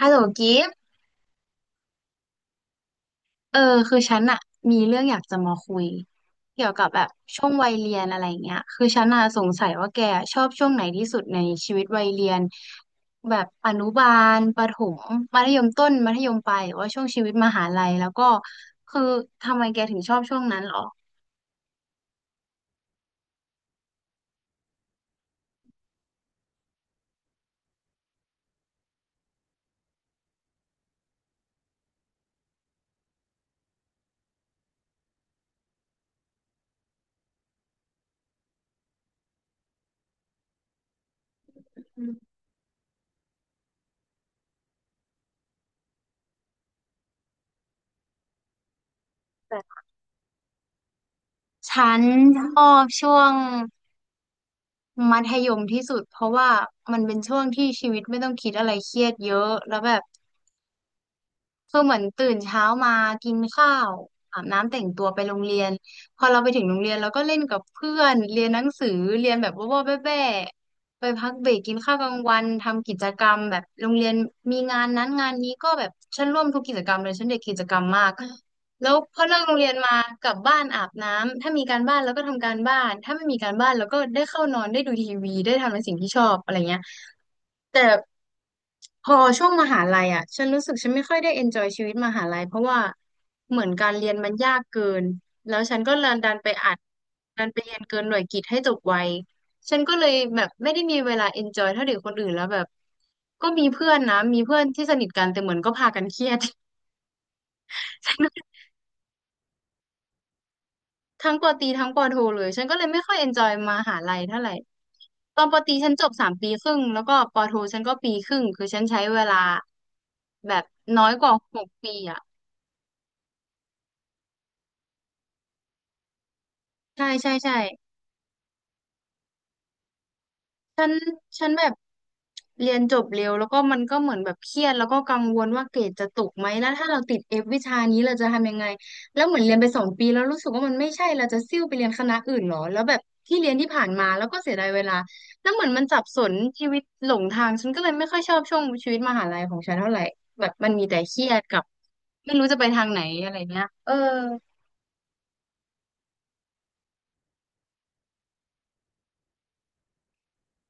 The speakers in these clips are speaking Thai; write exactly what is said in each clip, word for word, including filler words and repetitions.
ฮัลโหลกิฟต์เออคือฉันอะมีเรื่องอยากจะมาคุยเกี่ยวกับแบบช่วงวัยเรียนอะไรเงี้ยคือฉันอะสงสัยว่าแกชอบช่วงไหนที่สุดในชีวิตวัยเรียนแบบอนุบาลประถมมัธยมต้นมัธยมปลายหรือว่าช่วงชีวิตมหาลัยแล้วก็คือทำไมแกถึงชอบช่วงนั้นหรออืมแต่ฉันชอบช่วงมัธยมที่สุดเพราะว่ามันเป็นช่วงที่ชีวิตไม่ต้องคิดอะไรเครียดเยอะแล้วแบบ คือเหมือนตื่นเช้ามากินข้าวอาบน้ำแต่งตัวไปโรงเรียนพอเราไปถึงโรงเรียนเราก็เล่นกับเพื่อนเรียนหนังสือเรียนแบบว่าวๆแบ่ๆไปพักเบรกกินข้าวกลางวันทำกิจกรรมแบบโรงเรียนมีงานนั้นงานนี้ก็แบบฉันร่วมทุกกิจกรรมเลยฉันเด็กกิจกรรมมากแล้วพอเลิกโรงเรียนมากลับบ้านอาบน้ำถ้ามีการบ้านเราก็ทำการบ้านถ้าไม่มีการบ้านเราก็ได้เข้านอนได้ดูทีวีได้ทำในสิ่งที่ชอบอะไรเงี้ยแต่ พอช่วงมหาลัยอ่ะฉันรู้สึกฉันไม่ค่อยได้เอนจอยชีวิตมหาลัยเพราะว่าเหมือนการเรียนมันยากเกินแล้วฉันก็ดันไปอัดดันไปเรียนเกินหน่วยกิตให้จบไวฉันก็เลยแบบไม่ได้มีเวลาเอนจอยเท่าเด็กคนอื่นแล้วแบบก็มีเพื่อนนะมีเพื่อนที่เหมือนก็พากันเครียด ทั้งปอตรีทั้งปอโทเลยฉันก็เลยไม่ค่อยเอนจอยมหาลัยเท่าไหร่ตอนปอตรีฉันจบสามปีครึ่งแล้วก็ปอโทฉันก็ปีครึ่งคือฉันใช้เวลาแบบน้อยกว่าหกปีอ่ะใช่ใช่ใช่ ฉันฉันแบบเรียนจบเร็วแล้วก็มันก็เหมือนแบบเครียดแล้วก็กังวลว่าเกรดจะตกไหมแล้วถ้าเราติดเอฟวิชานี้เราจะทำยังไงแล้วเหมือนเรียนไปสองปีแล้วรู้สึกว่ามันไม่ใช่เราจะซิ่วไปเรียนคณะอื่นเหรอแล้วแบบที่เรียนที่ผ่านมาแล้วก็เสียดายเวลาแล้วเหมือนมันสับสนชีวิตหลงทางฉันก็เลยไม่ค่อยชอบช่วงชีวิตมหาลัยของฉันเท่าไหร่แบบมันมีแต่เครียดกับไม่รู้จะไปทางไหนอะไรเงี้ยเออ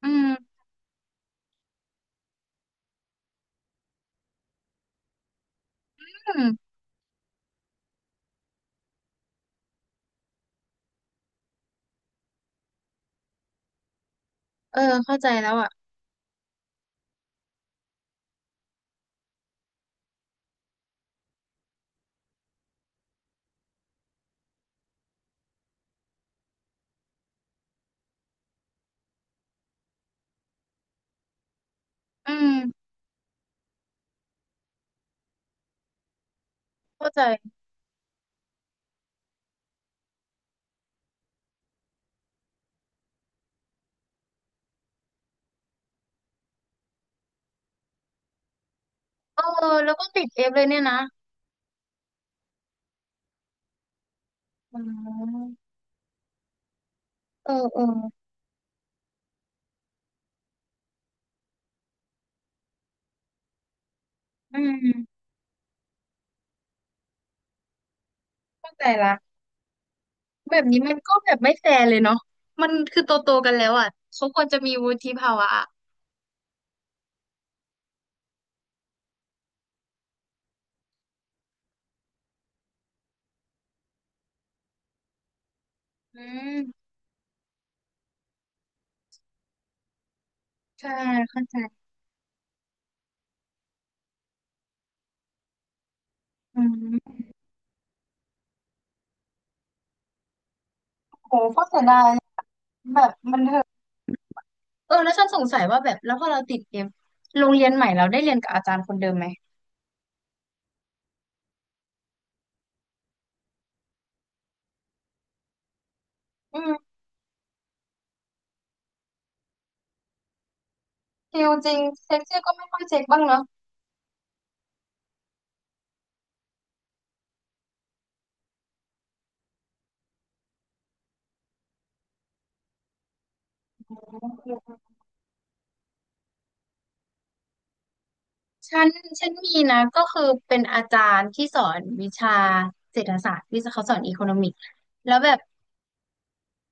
อืมอืมเออเข้าใจแล้วอ่ะอืมเข้าใจเออแล้วก็ติดเอฟเลยเนี่ยนะ อ๋อเออ เอออืมเข้าใจละแบบนี้มันก็แบบไม่แฟร์เลยเนาะมันคือโตโตกันแล้วอ่ะเขาควรจะมีวุฒิภาวะอะอืมใช่เข้าใจอืมโหก็เสียดายแบบมันเถอะเออ แล้วฉันสงสัยว่าแบบแล้วพอเราติดเกมโรงเรียนใหม่เราได้เรียนกับอาจารย์คนเดิมไหม อืมคิวจริงเช็คชื่อก็ไม่ค่อยเช็คบ้างเนาะฉันฉันมีนะก็คือเป็นอาจารย์ที่สอนวิชาเศรษฐศาสตร์ที่เขาสอนอีโคโนมิกแล้วแบบ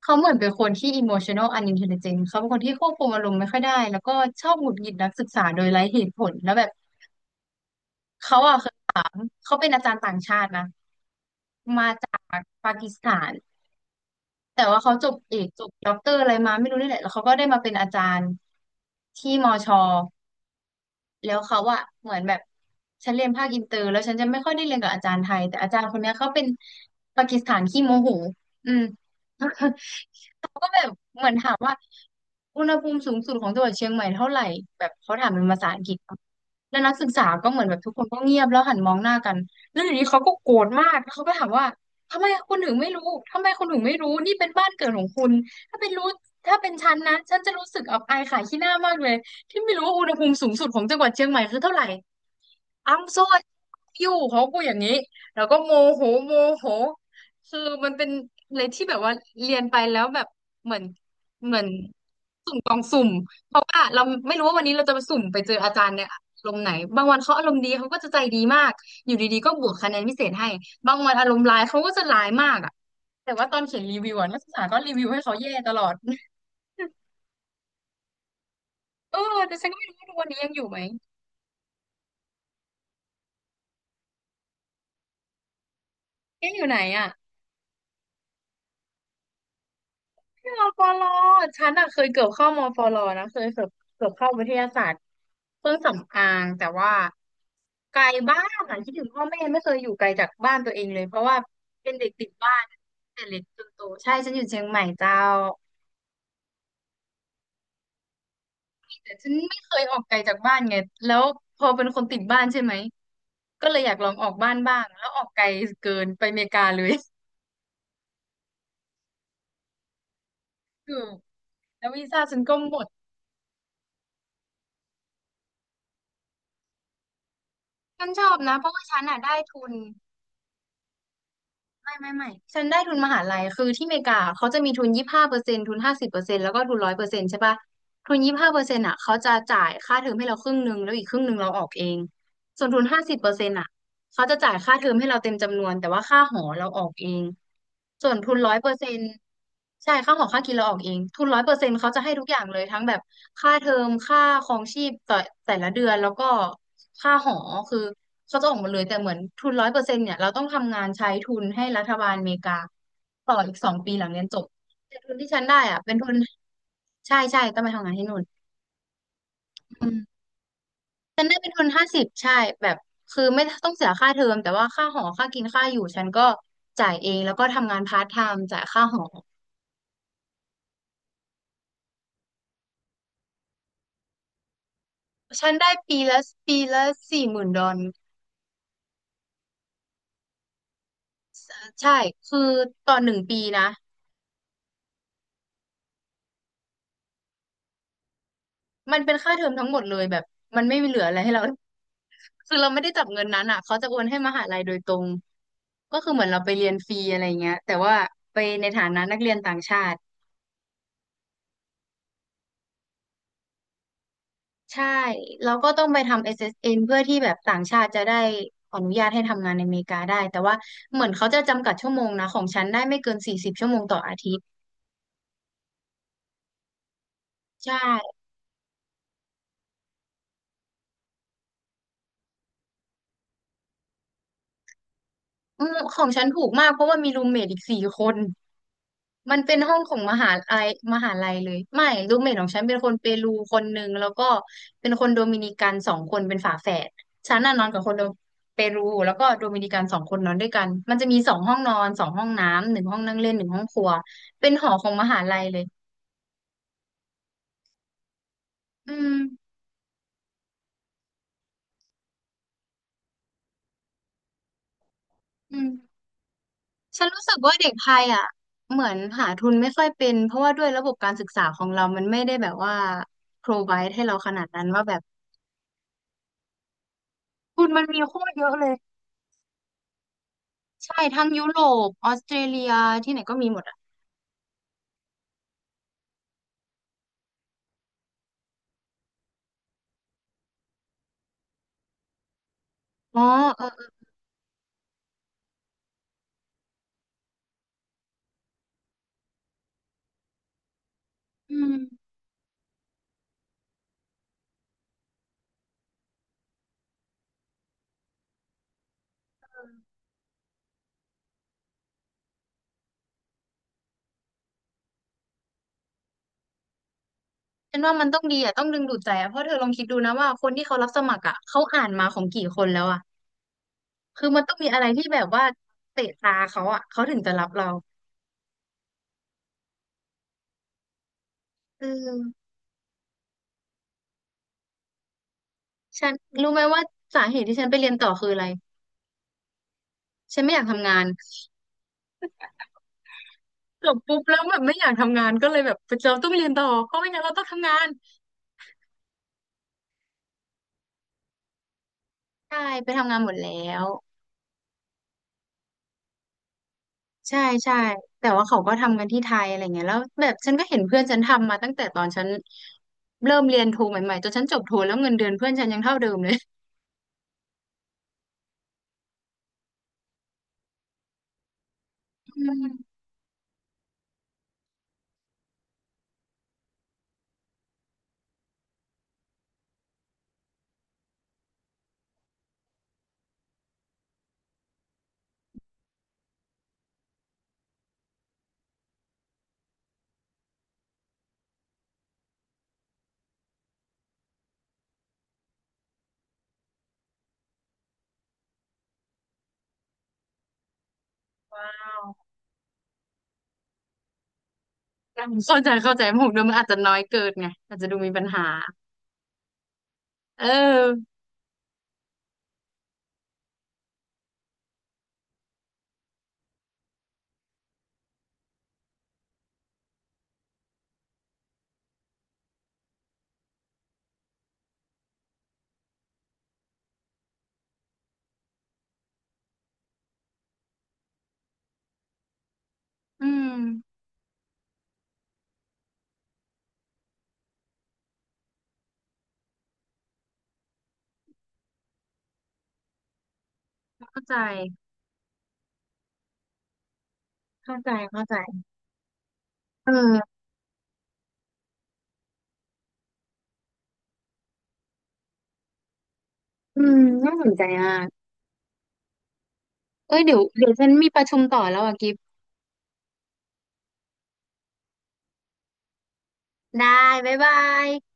เขาเหมือนเป็นคนที่ อีโมชันนัล อันอินเทลลิเจนท์ เขาเป็นคนที่ควบคุมอารมณ์ไม่ค่อยได้แล้วก็ชอบหงุดหงิดนักศึกษาโดยไร้เหตุผลแล้วแบบเขาอ่ะเคยถามเขาเป็นอาจารย์ต่างชาตินะมาจากปากีสถานแต่ว่าเขาจบเอกจบด็อกเตอร์อะไรมาไม่รู้นี่แหละแล้วเขาก็ได้มาเป็นอาจารย์ที่มอชอแล้วเขาอะเหมือนแบบฉันเรียนภาคอินเตอร์แล้วฉันจะไม่ค่อยได้เรียนกับอาจารย์ไทยแต่อาจารย์คนเนี้ยเขาเป็นปากีสถานขี้โมโหอืม เขาก็แบบเหมือนถามว่าอุณหภูมิสูงสุดของจังหวัดเชียงใหม่เท่าไหร่แบบเขาถามเป็นภาษาอังกฤษเนอะแล้วนักศึกษาก็เหมือนแบบทุกคนก็เงียบแล้วหันมองหน้ากันแล้วอยู่ดีเขาก็โกรธมากแล้วเขาก็ถามว่าทำไมคุณถึงไม่รู้ทำไมคุณถึงไม่รู้นี่เป็นบ้านเกิดของคุณถ้าเป็นรู้ถ้าเป็นฉันนะฉันจะรู้สึกอับอายขายขี้หน้ามากเลยที่ไม่รู้ว่าอุณหภูมิสูงสุดของจังหวัดเชียงใหม่คือเท่าไหร่ ไอแอมซอรี่ you เขาพูดอย่างนี้แล้วก็โมโหโมโหคือมันเป็นอะไรที่แบบว่าเรียนไปแล้วแบบ เหมือนเหมือนสุ่มกองสุ่มเพราะว่าเราไม่รู้ว่าวันนี้เราจะไปสุ่มไปเจออาจารย์เนี่ยอารมณ์ไหนบางวันเขาอารมณ์ดีเขาก็จะใจดีมากอยู่ดีๆก็บวกคะแนนพิเศษให้บางวันอารมณ์ร้ายเขาก็จะร้ายมากอ่ะแต่ว่าตอนเขียนรีวิวอะนักศึกษาก็รีวิวให้เขาแย่ตลอดเออแต่ฉันก็ไม่รู้ว่าทุกวันนี้ยังอยู่ไหมยังอยู่ไหนอ่ะ มปลฉันอะเคยเกือบเข้ามปลนะเคยเกือบเกือบเข้าวิทยาศาสตร์เครื่องสำอางแต่ว่าไกลบ้านอะคิดถึงพ่อแม่ไม่เคยอยู่ไกลจากบ้านตัวเองเลยเพราะว่าเป็นเด็กติดบ้านแต่เล็กจนโตใช่ฉันอยู่เชียงใหม่เจ้าแต่ฉันไม่เคยออกไกลจากบ้านไงแล้วพอเป็นคนติดบ้านใช่ไหมก็เลยอยากลองออกบ้านบ้างแล้วออกไกลเกินไปอเมริกาเลย ถูกแล้ววีซ่าฉันก็หมดฉันชอบนะเพราะว่าฉันอะได้ทุน ไม่ไม่ไม่ฉันได้ทุนมหาลัยคือที่อเมริกาเขาจะมีทุนยี่สิบห้าเปอร์เซ็นต์ทุนห้าสิบเปอร์เซ็นต์แล้วก็ทุนร้อยเปอร์เซ็นต์ใช่ปะทุนยี่สิบห้าเปอร์เซ็นต์อ่ะเขาจะจ่ายค่าเทอมให้เราครึ่งหนึ่งแล้วอีกครึ่งหนึ่งเราออกเองส่วนทุนห้าสิบเปอร์เซ็นต์อ่ะ เขาจะจ่ายค่าเทอมให้เราเต็มจำนวนแต่ว่าค่าหอเราออกเองส่วนทุนร้อยเปอร์เซ็นต์ใช่ค่าหอค่ากินเราออกเองทุนร้อยเปอร์เซ็นต์เขาจะให้ทุกอย่างเลยทั้งแบบค่าเทอมค่าครองชีพต่อแต่ละเดือนแล้วก็ค่าหอคือเขาจะออกมาเลยแต่เหมือนทุนร้อยเปอร์เซ็นต์เนี่ยเราต้องทำงานใช้ทุนให้รัฐบาลอเมริกาต่ออีกสองปีหลังเรียนจบแต่ทุนที่ฉันได้อ่ะเป็นทุนใช่ใช่ต้องไปทำงานที่นู่นอืม ฉันได้เป็นทุนห้าสิบใช่แบบคือไม่ต้องเสียค่าเทอมแต่ว่าค่าหอ ค่ากินค่าอยู่ฉันก็จ่ายเอง แล้วก็ทำงานพาร์ทไทม์จ่ายค่าหอ ฉันได้ปีละปีละสี่หมื่นดอลใช่ คือต่อหนึ่งปีนะ มันเป็นค่าเทอมทั้งหมดเลยแบบ มันไม่มีเหลืออะไรให้เรา คือเราไม่ได้จับเงินนั้นอ่ะเขาจะโอนให้มหาลัยโดยตรง ก็คือเหมือนเราไปเรียนฟรีอะไรเงี้ยแต่ว่าไปในฐานะนักเรียนต่างชาติ ใช่แล้วก็ต้องไปทำ เอส เอส เอ็น เอสเอ็นเพื่อที่แบบต่างชาติจะได้ขออนุญาตให้ทำงานในอเมริกาได้แต่ว่าเหมือนเขาจะจำกัดชั่วโมงนะของฉันได้ไม่เกินสี่สิบชั่วโมงต่ออาทิตย์ใช่อืมของฉันถูกมากเพราะว่ามีรูมเมทอีกสี่คน มันเป็นห้องของมหาลัยมหาลัยเลยไม่รูมเมทของฉันเป็นคนเปรูคนหนึ่งแล้วก็เป็นคนโดมินิกันสองคนเป็นฝาแฝดฉันน่ะนอนกับคนโดเปรูแล้วก็โดมินิกันสองคนนอนด้วยกันมันจะมีสองห้องนอนสองห้องน้ำหนึ่งห้องนั่งเล่นหนึ่งห้องครัวเป็นหอของมหาลัยเลยอืมอืมฉันรู้สึกว่าเด็กไทยอ่ะเหมือนหาทุนไม่ค่อยเป็นเพราะว่าด้วยระบบการศึกษาของเรามันไม่ได้แบบว่า provide ให้เราขนาดนั้นว่าแบบทุนมันมีโคตรเยอะเลย ใช่ทั้งยุโรปออสเตรเลียที่ไหนก็มีหมดอ่ะอ๋อเออเอออืมฉันว่ามันต้องดีอ่ะต้องดึงดูดใจอ่ะเพราะเธอลองคิดดูนะว่าคนที่เขารับสมัครอ่ะเขาอ่านมาของกี่คนแล้วอ่ะคือมันต้องมีอะไรที่แบบว่าเตะตาเขาอ่ะเขาถึงจะรับเราเออฉันรู้ไหมว่าสาเหตุที่ฉันไปเรียนต่อคืออะไรฉันไม่อยากทำงานจบปุ๊บแล้วแบบไม่อยากทำงานก็เลยแบบเราต้องเรียนต่อเพราะไม่งั้นเราต้องทำงานใช่ไปทำงานหมดแล้ว ใช่ใช่แต่ว่าเขาก็ทำกันที่ไทยอะไรเงี้ยแล้วแบบฉันก็เห็นเพื่อนฉันทำมาตั้งแต่ตอนฉันเริ่มเรียนโทใหม่ๆจนฉันจบโทแล้วเงินเดือนเพื่อนฉันยังเท่าเดิมเลยอืมว้าวเข้าใจเข้าใจหกเดือนมันอาจจะน้อยเกินไงอาจจะดูมีปัญหาเอออืมเข้าใจเข้าใจเข้าใจเอออืมน่าสนใจมากเอ้ยเดี๋ยวเดี๋ยวฉันมีประชุมต่อแล้วอ่ะกิฟต์ได้บ๊ายบาย